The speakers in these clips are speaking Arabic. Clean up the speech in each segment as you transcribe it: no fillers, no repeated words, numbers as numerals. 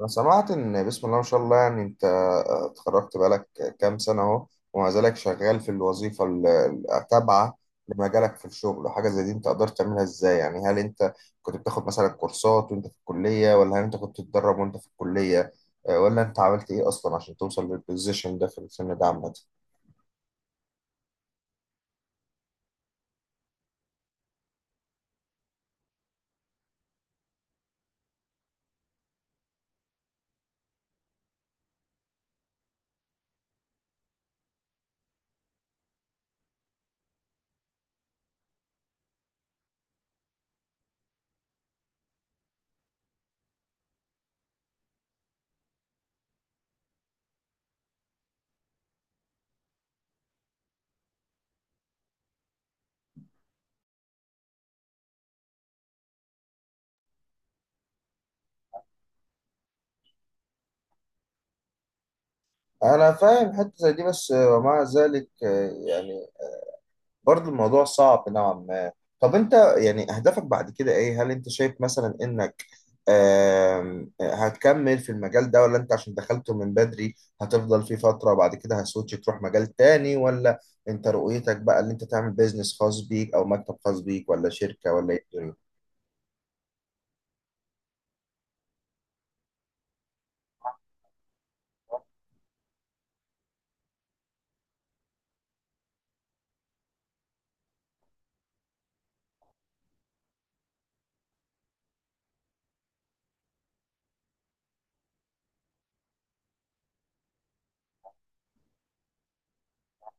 أنا سمعت إن بسم الله ما شاء الله يعني أنت اتخرجت بقالك كام سنة أهو، ومع ذلك شغال في الوظيفة التابعة لمجالك في الشغل وحاجة زي دي أنت قدرت تعملها إزاي؟ يعني هل أنت كنت بتاخد مثلا كورسات وأنت في الكلية، ولا هل أنت كنت بتتدرب وأنت في الكلية، ولا أنت عملت إيه أصلا عشان توصل للبوزيشن ده في السن ده عامة؟ أنا فاهم حتة زي دي، بس ومع ذلك يعني برضه الموضوع صعب نوعا ما. طب انت يعني اهدافك بعد كده ايه؟ هل انت شايف مثلا انك هتكمل في المجال ده، ولا انت عشان دخلته من بدري هتفضل فيه فترة وبعد كده هسويتش تروح مجال تاني، ولا انت رؤيتك بقى ان انت تعمل بيزنس خاص بيك او مكتب خاص بيك ولا شركة ولا ايه الدنيا؟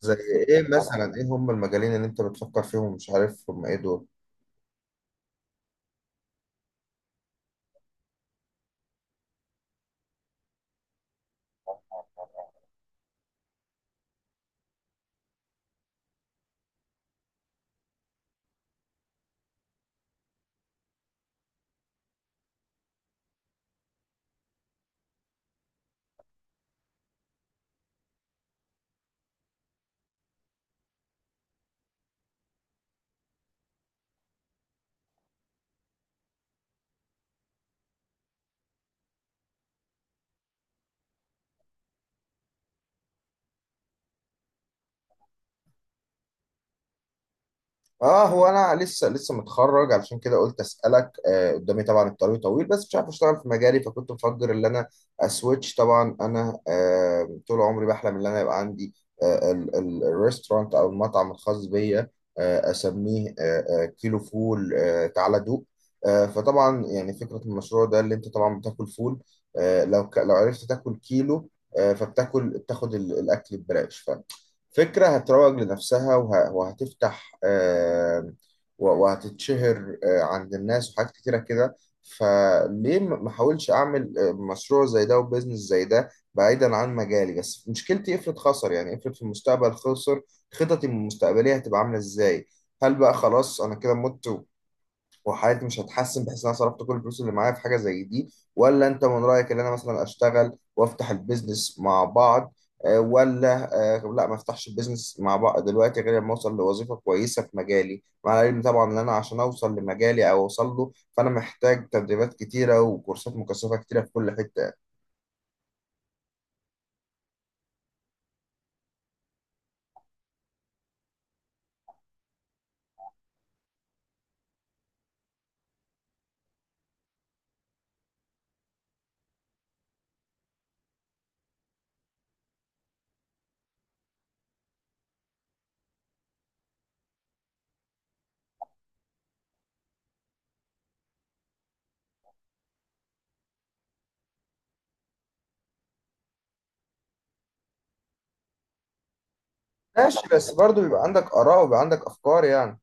زي ايه مثلا؟ ايه هم المجالين اللي انت بتفكر فيهم ومش عارف هم ايه دول؟ اه، هو انا لسه متخرج، علشان كده قلت اسالك. قدامي طبعا الطريق طويل، بس مش عارف اشتغل في مجالي، فكنت مفكر ان انا اسويتش. طبعا انا طول عمري بحلم ان انا يبقى عندي الريستورانت او المطعم الخاص بيا. اسميه كيلو فول، تعالى دوق. فطبعا يعني فكره المشروع ده، اللي انت طبعا بتاكل فول، لو لو عرفت تاكل كيلو، فبتاكل بتاخد الاكل ببلاش. فكرة هتروج لنفسها وهتفتح، وهتتشهر عند الناس وحاجات كتيرة كده. فليه ما احاولش أعمل مشروع زي ده وبزنس زي ده بعيدا عن مجالي؟ بس مشكلتي، افرض خسر، يعني افرض في المستقبل خسر، خططي المستقبلية هتبقى عاملة ازاي؟ هل بقى خلاص أنا كده مت وحياتي مش هتحسن بحيث ان انا صرفت كل الفلوس اللي معايا في حاجه زي دي؟ ولا انت من رايك ان انا مثلا اشتغل وافتح البيزنس مع بعض، ولا لا، ما افتحش البيزنس مع بعض دلوقتي غير لما اوصل لوظيفه كويسه في مجالي؟ مع العلم طبعا ان انا عشان اوصل لمجالي او اوصل له فانا محتاج تدريبات كتيره وكورسات مكثفه كتيره في كل حته. ماشي، بس برضه بيبقى عندك اراء وبيبقى عندك افكار يعني.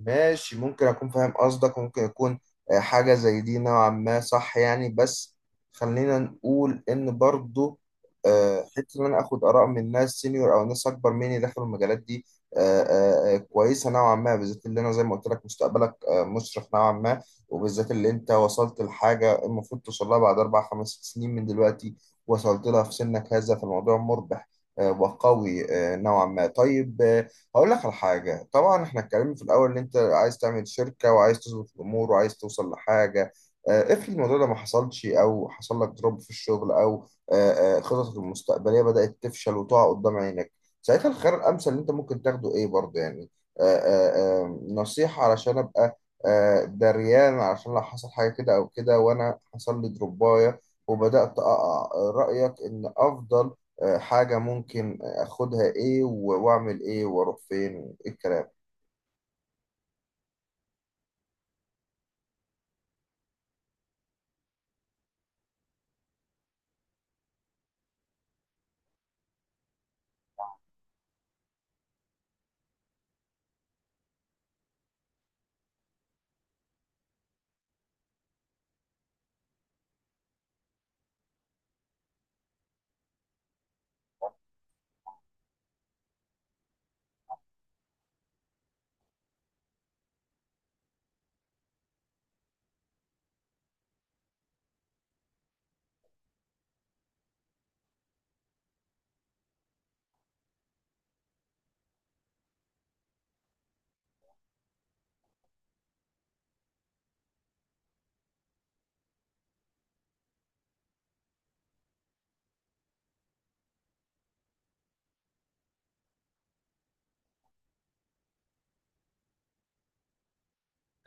ماشي، ممكن اكون فاهم قصدك، ممكن يكون حاجة زي دي نوعا ما صح يعني، بس خلينا نقول ان برضو حتة ان انا اخد اراء من ناس سينيور او ناس اكبر مني داخل المجالات دي كويسة نوعا ما، بالذات اللي انا زي ما قلت لك مستقبلك مشرق نوعا ما، وبالذات اللي انت وصلت لحاجة المفروض توصل لها بعد اربع خمس سنين من دلوقتي، وصلت لها في سنك هذا، فالموضوع مربح وقوي نوعا ما. طيب، هقول لك على حاجة. طبعا احنا اتكلمنا في الأول إن أنت عايز تعمل شركة وعايز تظبط الأمور وعايز توصل لحاجة. افرض الموضوع ده ما حصلش، أو حصل لك دروب في الشغل، أو خططك المستقبلية بدأت تفشل وتقع قدام عينك، ساعتها الخيار الأمثل اللي أنت ممكن تاخده إيه برضه يعني؟ نصيحة علشان أبقى دريان، علشان لو حصل حاجة كده أو كده وأنا حصل لي دروباية وبدأت أقع، رأيك إن أفضل حاجة ممكن اخدها ايه، واعمل ايه، واروح فين، وايه الكلام.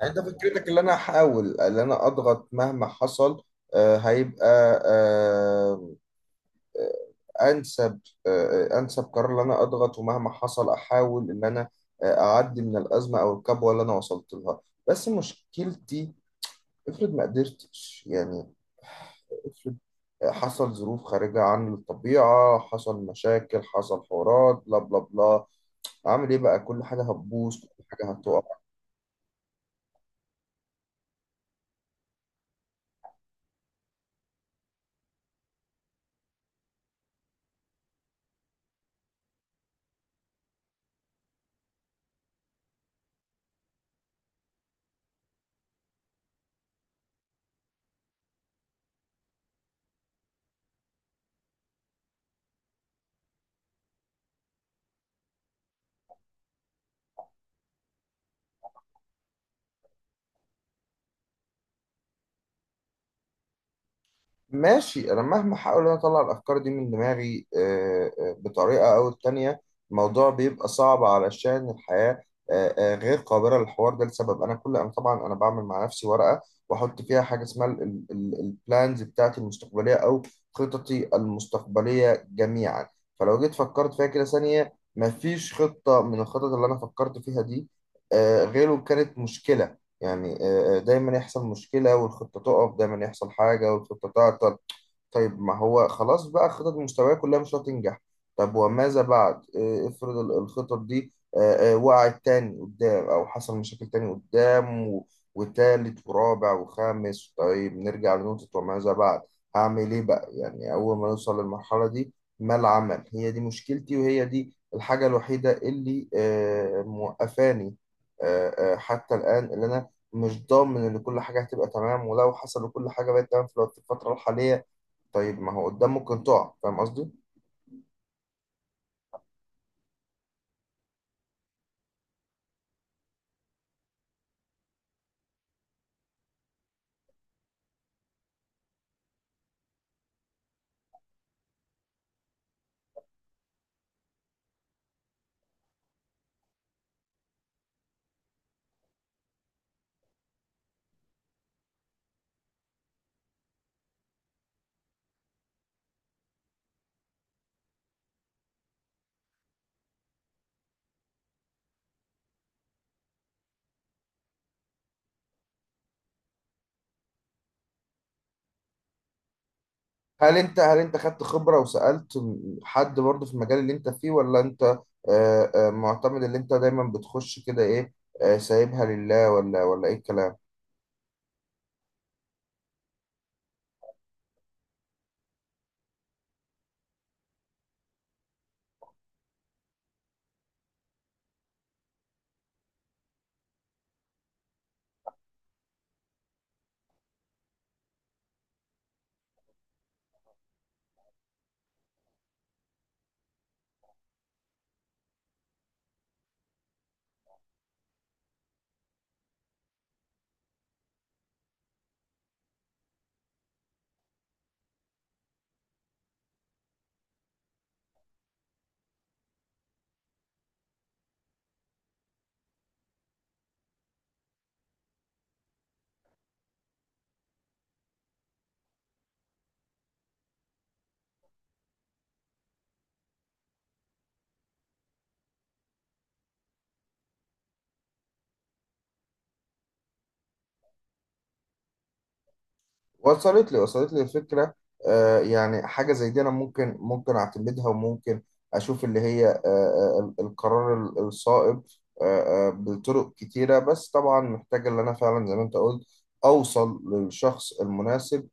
يعني انت فكرتك اللي انا هحاول اللي انا اضغط مهما حصل هيبقى آه، انسب انسب قرار، ان انا اضغط ومهما حصل احاول ان انا اعدي من الازمه او الكبوه اللي انا وصلت لها. بس مشكلتي، افرض ما قدرتش يعني، افرض حصل ظروف خارجة عن الطبيعة، حصل مشاكل، حصل حوارات بلا بلا بلا، اعمل ايه بقى؟ كل حاجه هتبوظ، كل حاجه هتقع. ماشي، انا مهما احاول ان أنا اطلع الافكار دي من دماغي بطريقه او التانية، الموضوع بيبقى صعب علشان الحياه غير قابله للحوار ده، لسبب انا كل انا طبعا انا بعمل مع نفسي ورقه واحط فيها حاجه اسمها البلانز بتاعتي المستقبليه او خططي المستقبليه جميعا. فلو جيت فكرت فيها كده ثانيه، مفيش خطه من الخطط اللي انا فكرت فيها دي غيره كانت مشكله. يعني دايما يحصل مشكلة والخطة تقف، دايما يحصل حاجة والخطة تعطل. طيب، ما هو خلاص بقى الخطط المستوية كلها مش هتنجح. طب وماذا بعد؟ افرض الخطط دي وقعت تاني قدام، او حصل مشاكل تاني قدام وتالت ورابع وخامس. طيب نرجع لنقطة وماذا بعد، هعمل ايه بقى يعني اول ما نوصل للمرحلة دي؟ ما العمل؟ هي دي مشكلتي، وهي دي الحاجة الوحيدة اللي موقفاني حتى الآن، اللي انا مش ضامن ان كل حاجة هتبقى تمام. ولو حصل وكل حاجة بقت تمام في في الفترة الحالية، طيب ما هو قدام ممكن تقع، فاهم قصدي؟ هل انت، هل انت خدت خبرة وسألت حد برضه في المجال اللي انت فيه، ولا انت معتمد اللي انت دايما بتخش كده ايه سايبها لله، ولا ولا ايه الكلام؟ وصلت لي، وصلت لي الفكرة. يعني حاجة زي دي انا ممكن اعتمدها، وممكن اشوف اللي هي القرار الصائب بطرق كتيرة، بس طبعا محتاج اللي انا فعلا زي ما انت قلت اوصل للشخص المناسب.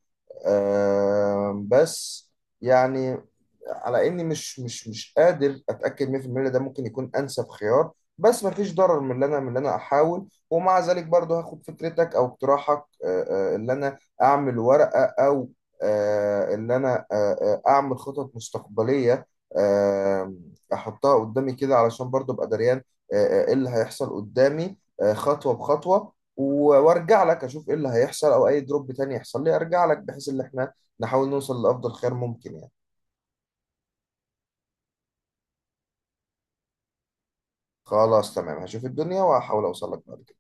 بس يعني، على اني مش قادر اتاكد 100% إن ده ممكن يكون انسب خيار، بس مفيش ضرر من اللي انا، من اللي انا احاول. ومع ذلك برضه هاخد فكرتك او اقتراحك اللي انا اعمل ورقه، او اللي انا اعمل خطط مستقبليه آه، احطها قدامي كده علشان برضه ابقى دريان ايه اللي هيحصل قدامي خطوه بخطوه، وارجع لك اشوف ايه اللي هيحصل، او اي دروب تاني يحصل لي ارجع لك، بحيث ان احنا نحاول نوصل لافضل خير ممكن يعني. خلاص تمام، هشوف الدنيا وهحاول اوصل لك بعد كده.